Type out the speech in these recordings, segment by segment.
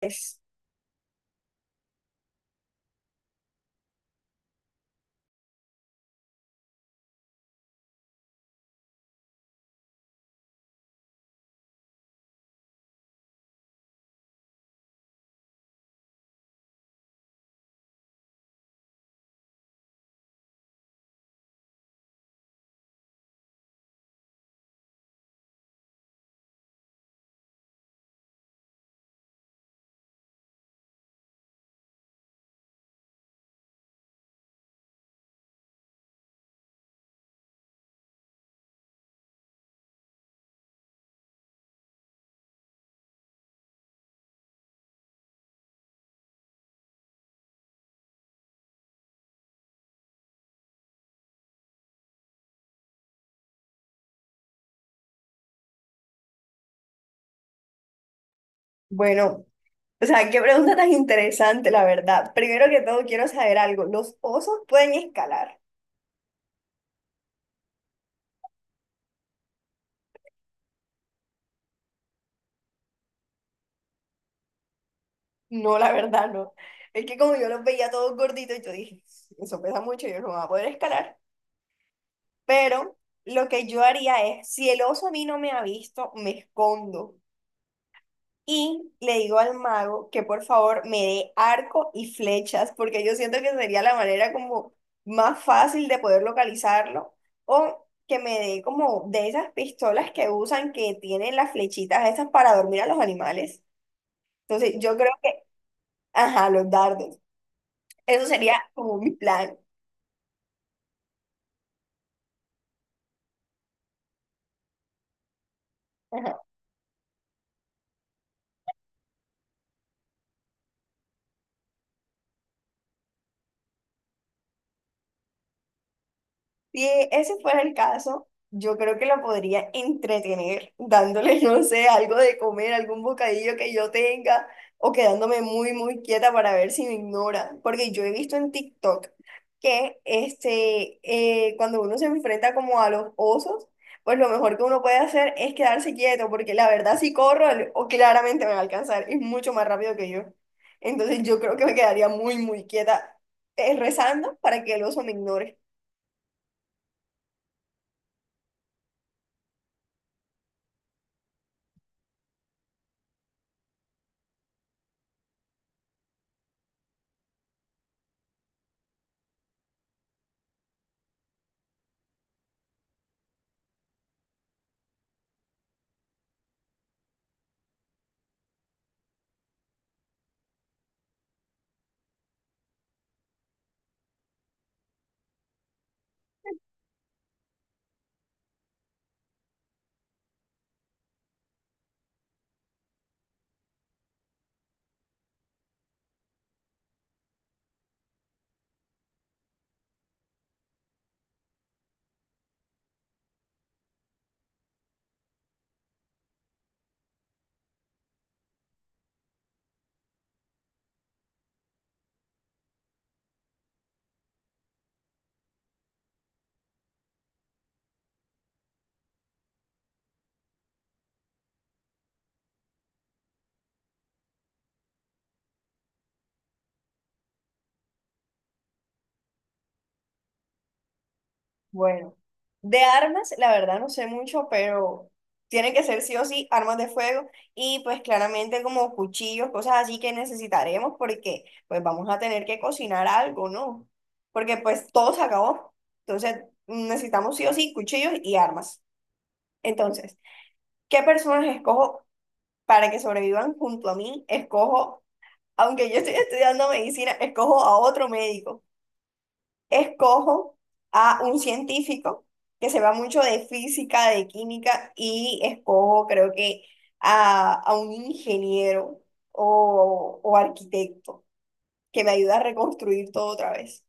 Es, bueno, o sea, qué pregunta tan interesante, la verdad. Primero que todo, quiero saber algo. ¿Los osos pueden escalar? No, la verdad, no. Es que como yo los veía todos gorditos, yo dije, "Sí, eso pesa mucho, yo no voy a poder escalar". Pero lo que yo haría es, si el oso a mí no me ha visto, me escondo. Y le digo al mago que por favor me dé arco y flechas, porque yo siento que sería la manera como más fácil de poder localizarlo, o que me dé como de esas pistolas que usan que tienen las flechitas esas para dormir a los animales. Entonces yo creo que, ajá, los dardos. Eso sería como mi plan. Si ese fuera el caso, yo creo que la podría entretener dándole, no sé, algo de comer, algún bocadillo que yo tenga o quedándome muy, muy quieta para ver si me ignora. Porque yo he visto en TikTok que cuando uno se enfrenta como a los osos, pues lo mejor que uno puede hacer es quedarse quieto, porque la verdad si corro, o claramente me va a alcanzar, es mucho más rápido que yo. Entonces yo creo que me quedaría muy, muy quieta, rezando para que el oso me ignore. Bueno, de armas, la verdad no sé mucho, pero tienen que ser sí o sí armas de fuego y pues claramente como cuchillos, cosas así que necesitaremos porque pues vamos a tener que cocinar algo, ¿no? Porque pues todo se acabó. Entonces necesitamos sí o sí cuchillos y armas. Entonces, ¿qué personas escojo para que sobrevivan junto a mí? Escojo, aunque yo estoy estudiando medicina, escojo a otro médico, escojo a un científico que se va mucho de física, de química, y escojo creo que a un ingeniero o arquitecto que me ayuda a reconstruir todo otra vez.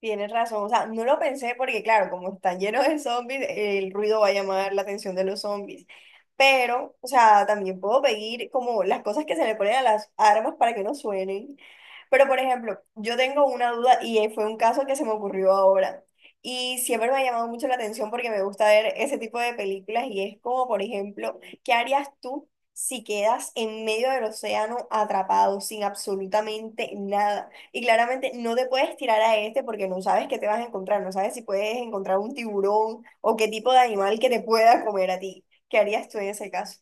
Tienes razón, o sea, no lo pensé porque claro, como están llenos de zombies, el ruido va a llamar la atención de los zombies. Pero, o sea, también puedo pedir como las cosas que se le ponen a las armas para que no suenen. Pero, por ejemplo, yo tengo una duda y fue un caso que se me ocurrió ahora. Y siempre me ha llamado mucho la atención porque me gusta ver ese tipo de películas y es como, por ejemplo, ¿qué harías tú si quedas en medio del océano atrapado sin absolutamente nada? Y claramente no te puedes tirar a este porque no sabes qué te vas a encontrar, no sabes si puedes encontrar un tiburón o qué tipo de animal que te pueda comer a ti. ¿Qué harías tú en ese caso?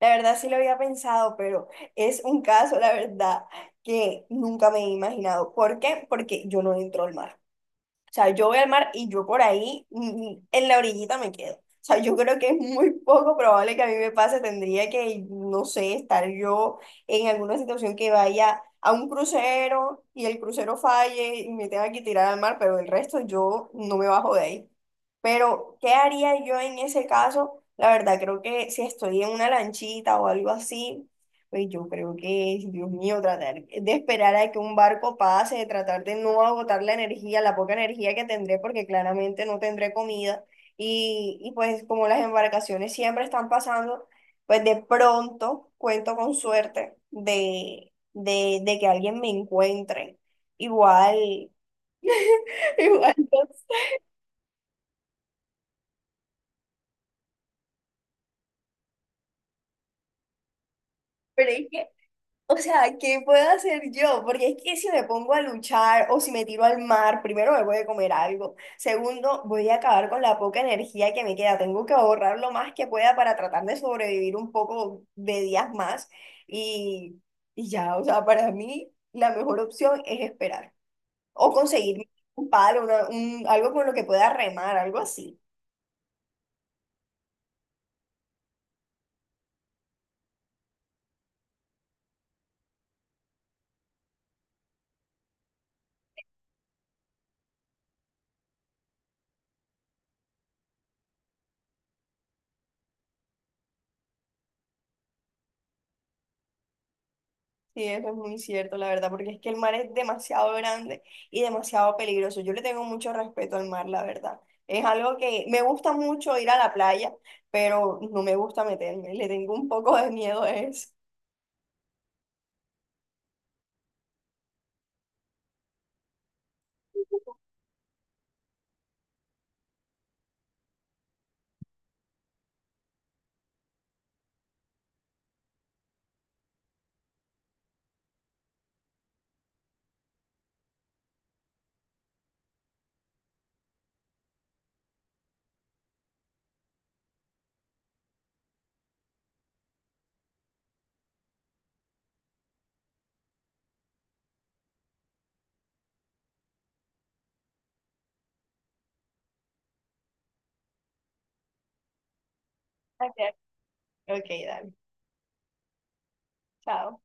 La verdad sí lo había pensado, pero es un caso, la verdad, que nunca me he imaginado. ¿Por qué? Porque yo no entro al mar. O sea, yo voy al mar y yo por ahí, en la orillita me quedo. O sea, yo creo que es muy poco probable que a mí me pase. Tendría que, no sé, estar yo en alguna situación que vaya a un crucero y el crucero falle y me tenga que tirar al mar, pero el resto yo no me bajo de ahí. Pero, ¿qué haría yo en ese caso? La verdad, creo que si estoy en una lanchita o algo así, pues yo creo que, es, Dios mío, tratar de esperar a que un barco pase, de tratar de no agotar la energía, la poca energía que tendré, porque claramente no tendré comida. Y pues como las embarcaciones siempre están pasando, pues de pronto cuento con suerte de que alguien me encuentre. Igual, igual, no sé, pero es que o sea, ¿qué puedo hacer yo? Porque es que si me pongo a luchar o si me tiro al mar, primero me voy a comer algo. Segundo, voy a acabar con la poca energía que me queda. Tengo que ahorrar lo más que pueda para tratar de sobrevivir un poco de días más. Y, y ya, o sea, para mí la mejor opción es esperar o conseguir un palo, algo con lo que pueda remar, algo así. Sí, eso es muy cierto, la verdad, porque es que el mar es demasiado grande y demasiado peligroso. Yo le tengo mucho respeto al mar, la verdad. Es algo que me gusta mucho ir a la playa, pero no me gusta meterme. Le tengo un poco de miedo a eso. Ok, ok, dale. Chao.